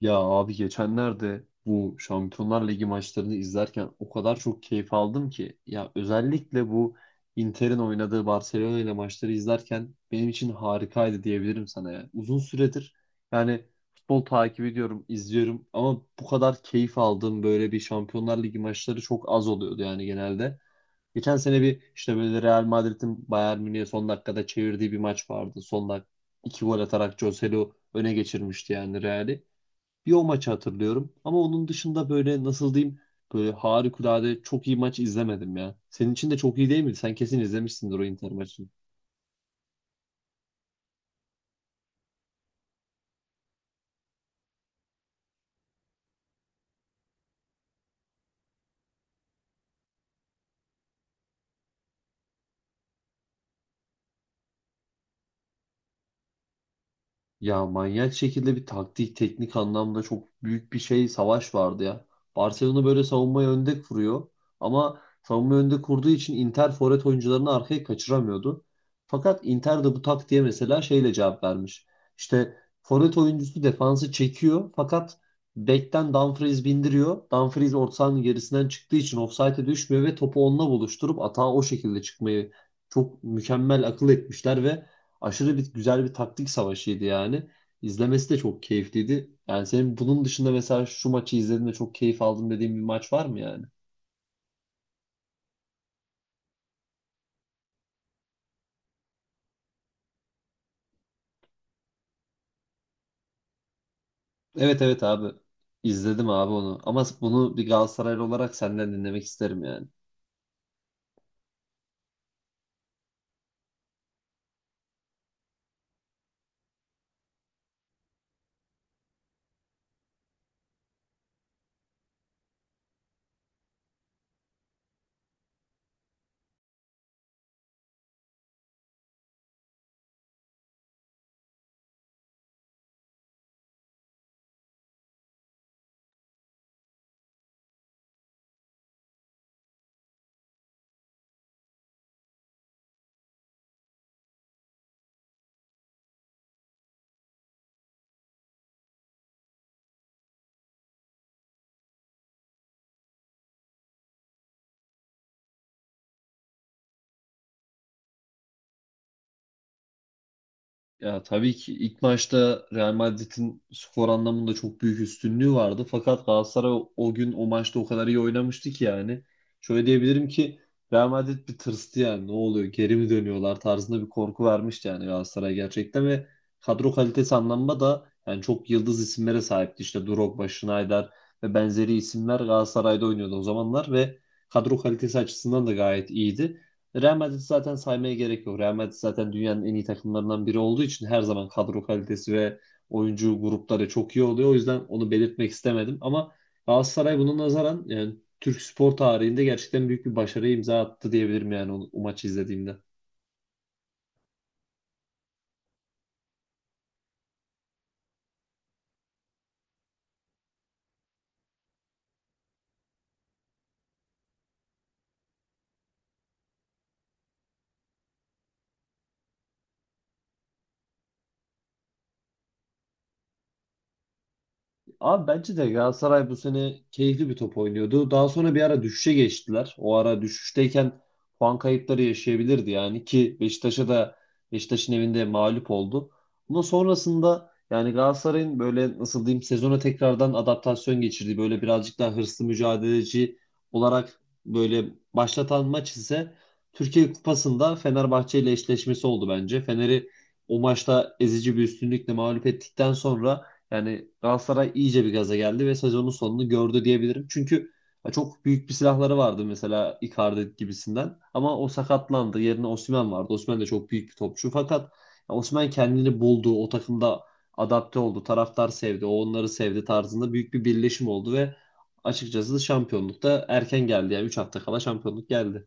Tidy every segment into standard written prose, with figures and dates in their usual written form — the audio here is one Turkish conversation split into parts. Ya abi, geçenlerde bu Şampiyonlar Ligi maçlarını izlerken o kadar çok keyif aldım ki ya, özellikle bu Inter'in oynadığı Barcelona ile maçları izlerken benim için harikaydı diyebilirim sana ya. Uzun süredir yani futbol takip ediyorum, izliyorum ama bu kadar keyif aldığım böyle bir Şampiyonlar Ligi maçları çok az oluyordu yani genelde. Geçen sene bir işte böyle Real Madrid'in Bayern Münih'e son dakikada çevirdiği bir maç vardı. Son dakika iki gol atarak Joselu öne geçirmişti yani Real'i. Bir o maçı hatırlıyorum. Ama onun dışında böyle, nasıl diyeyim, böyle harikulade çok iyi maç izlemedim ya. Senin için de çok iyi değil miydi? Sen kesin izlemişsindir o Inter maçını. Ya manyak şekilde bir taktik, teknik anlamda çok büyük bir şey, savaş vardı ya. Barcelona böyle savunmayı önde kuruyor, ama savunmayı önde kurduğu için Inter forvet oyuncularını arkaya kaçıramıyordu. Fakat Inter de bu taktiğe mesela şeyle cevap vermiş. İşte forvet oyuncusu defansı çekiyor, fakat bekten Dumfries bindiriyor. Dumfries orta sahanın gerisinden çıktığı için ofsayte düşmüyor ve topu onunla buluşturup atağa o şekilde çıkmayı çok mükemmel akıl etmişler ve aşırı bir güzel bir taktik savaşıydı yani. İzlemesi de çok keyifliydi. Yani senin bunun dışında mesela şu maçı izlediğimde çok keyif aldım dediğin bir maç var mı yani? Evet, evet abi. İzledim abi onu. Ama bunu bir Galatasaraylı olarak senden dinlemek isterim yani. Ya tabii ki ilk maçta Real Madrid'in skor anlamında çok büyük üstünlüğü vardı. Fakat Galatasaray o gün o maçta o kadar iyi oynamıştı ki yani. Şöyle diyebilirim ki Real Madrid bir tırstı yani. Ne oluyor? Geri mi dönüyorlar tarzında bir korku vermişti yani Galatasaray gerçekten, ve kadro kalitesi anlamında da yani çok yıldız isimlere sahipti. İşte Drogba, Schneider ve benzeri isimler Galatasaray'da oynuyordu o zamanlar ve kadro kalitesi açısından da gayet iyiydi. Real Madrid zaten, saymaya gerek yok. Real Madrid zaten dünyanın en iyi takımlarından biri olduğu için her zaman kadro kalitesi ve oyuncu grupları çok iyi oluyor. O yüzden onu belirtmek istemedim. Ama Galatasaray buna nazaran yani Türk spor tarihinde gerçekten büyük bir başarı imza attı diyebilirim yani o maçı izlediğimde. Abi, bence de Galatasaray bu sene keyifli bir top oynuyordu. Daha sonra bir ara düşüşe geçtiler. O ara düşüşteyken puan kayıpları yaşayabilirdi yani, ki Beşiktaş'a da, Beşiktaş'ın evinde mağlup oldu. Ama sonrasında yani Galatasaray'ın böyle, nasıl diyeyim, sezona tekrardan adaptasyon geçirdiği, böyle birazcık daha hırslı, mücadeleci olarak böyle başlatan maç ise Türkiye Kupası'nda Fenerbahçe ile eşleşmesi oldu bence. Fener'i o maçta ezici bir üstünlükle mağlup ettikten sonra yani Galatasaray iyice bir gaza geldi ve sezonun sonunu gördü diyebilirim. Çünkü çok büyük bir silahları vardı mesela, Icardi gibisinden. Ama o sakatlandı. Yerine Osimhen vardı. Osimhen de çok büyük bir topçu. Fakat Osimhen kendini buldu. O takımda adapte oldu. Taraftar sevdi, o onları sevdi tarzında büyük bir birleşim oldu ve açıkçası şampiyonlukta erken geldi. Yani 3 hafta kala şampiyonluk geldi.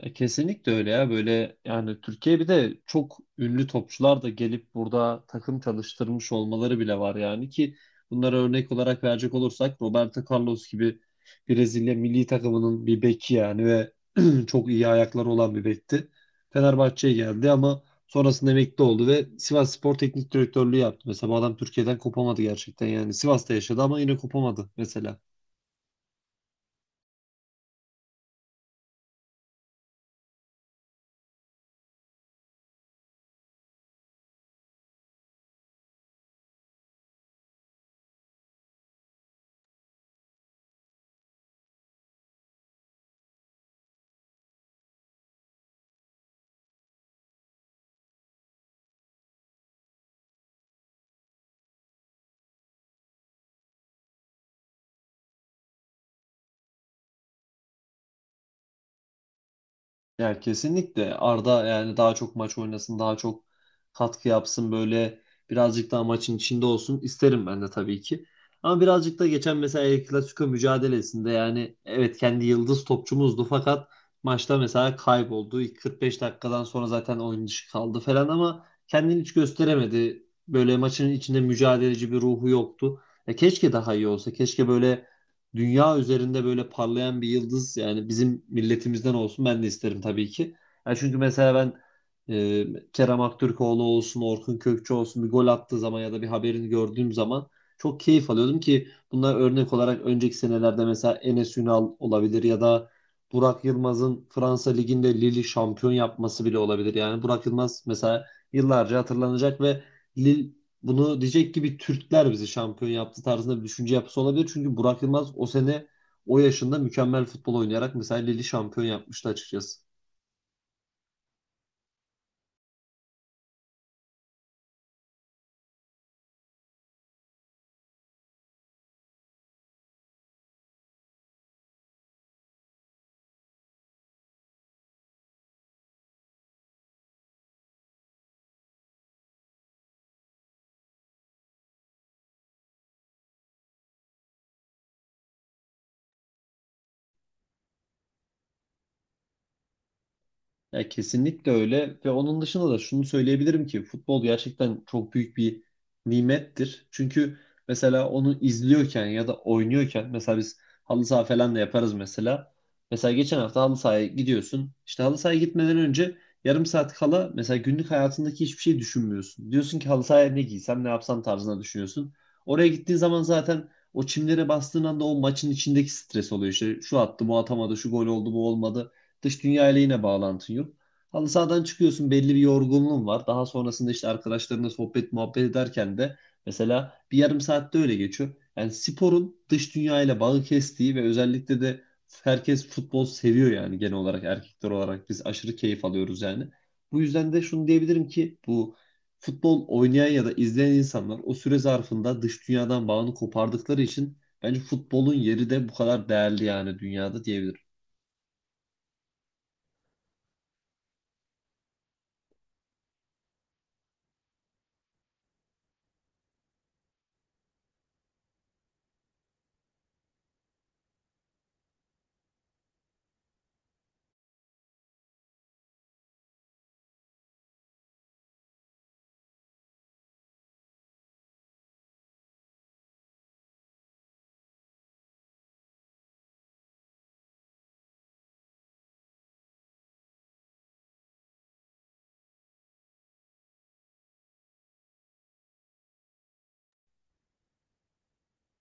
Kesinlikle öyle ya. Böyle yani Türkiye bir de çok ünlü topçular da gelip burada takım çalıştırmış olmaları bile var yani, ki bunlara örnek olarak verecek olursak Roberto Carlos gibi, Brezilya milli takımının bir beki yani, ve çok iyi ayakları olan bir bekti. Fenerbahçe'ye geldi, ama sonrasında emekli oldu ve Sivasspor Teknik Direktörlüğü yaptı. Mesela bu adam Türkiye'den kopamadı gerçekten yani, Sivas'ta yaşadı ama yine kopamadı mesela. Ya kesinlikle Arda yani daha çok maç oynasın, daha çok katkı yapsın, böyle birazcık daha maçın içinde olsun isterim ben de tabii ki. Ama birazcık da geçen mesela El Clasico mücadelesinde yani, evet kendi yıldız topçumuzdu fakat maçta mesela kayboldu. İlk 45 dakikadan sonra zaten oyun dışı kaldı falan, ama kendini hiç gösteremedi. Böyle maçın içinde mücadeleci bir ruhu yoktu. Ya keşke daha iyi olsa. Keşke böyle dünya üzerinde böyle parlayan bir yıldız yani bizim milletimizden olsun ben de isterim tabii ki. Yani çünkü mesela ben Kerem Aktürkoğlu olsun, Orkun Kökçü olsun bir gol attığı zaman ya da bir haberini gördüğüm zaman çok keyif alıyordum, ki bunlar, örnek olarak önceki senelerde mesela Enes Ünal olabilir, ya da Burak Yılmaz'ın Fransa Ligi'nde Lille şampiyon yapması bile olabilir. Yani Burak Yılmaz mesela yıllarca hatırlanacak ve Lille bunu diyecek gibi, Türkler bizi şampiyon yaptı tarzında bir düşünce yapısı olabilir. Çünkü Burak Yılmaz o sene o yaşında mükemmel futbol oynayarak mesela Lille'i şampiyon yapmıştı açıkçası. Ya kesinlikle öyle, ve onun dışında da şunu söyleyebilirim ki futbol gerçekten çok büyük bir nimettir. Çünkü mesela onu izliyorken ya da oynuyorken, mesela biz halı saha falan da yaparız mesela. Mesela geçen hafta halı sahaya gidiyorsun. İşte halı sahaya gitmeden önce, yarım saat kala mesela, günlük hayatındaki hiçbir şey düşünmüyorsun. Diyorsun ki halı sahaya ne giysem, ne yapsam tarzına düşünüyorsun. Oraya gittiğin zaman zaten o çimlere bastığın anda o maçın içindeki stres oluyor. İşte şu attı, bu atamadı, şu gol oldu, bu olmadı. Dış dünya ile yine bağlantın yok. Halı sahadan çıkıyorsun, belli bir yorgunluğun var. Daha sonrasında işte arkadaşlarınla sohbet, muhabbet ederken de mesela bir yarım saatte öyle geçiyor. Yani sporun dış dünya ile bağı kestiği, ve özellikle de herkes futbol seviyor yani, genel olarak erkekler olarak biz aşırı keyif alıyoruz yani. Bu yüzden de şunu diyebilirim ki, bu futbol oynayan ya da izleyen insanlar o süre zarfında dış dünyadan bağını kopardıkları için bence futbolun yeri de bu kadar değerli yani dünyada diyebilirim.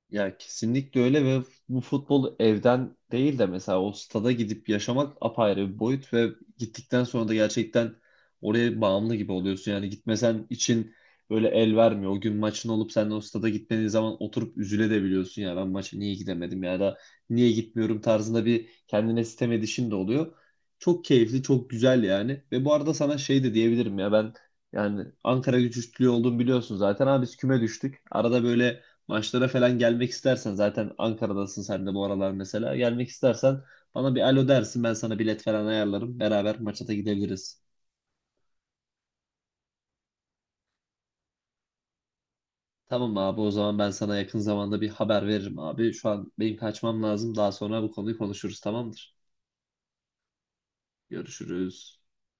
Ya kesinlikle öyle, ve bu futbol evden değil de mesela o stada gidip yaşamak apayrı bir boyut, ve gittikten sonra da gerçekten oraya bağımlı gibi oluyorsun. Yani gitmesen için böyle el vermiyor. O gün maçın olup sen de o stada gitmediğin zaman oturup üzülebiliyorsun. Ya ben maça niye gidemedim, ya da niye gitmiyorum tarzında bir kendine sitem edişin de oluyor. Çok keyifli, çok güzel yani. Ve bu arada sana şey de diyebilirim, ya ben yani Ankara gücü üstlüğü olduğumu biliyorsun zaten. Abi biz küme düştük. Arada böyle maçlara falan gelmek istersen, zaten Ankara'dasın sen de bu aralar mesela. Gelmek istersen bana bir alo dersin, ben sana bilet falan ayarlarım. Beraber maça da gidebiliriz. Tamam abi, o zaman ben sana yakın zamanda bir haber veririm abi. Şu an benim kaçmam lazım. Daha sonra bu konuyu konuşuruz, tamamdır. Görüşürüz.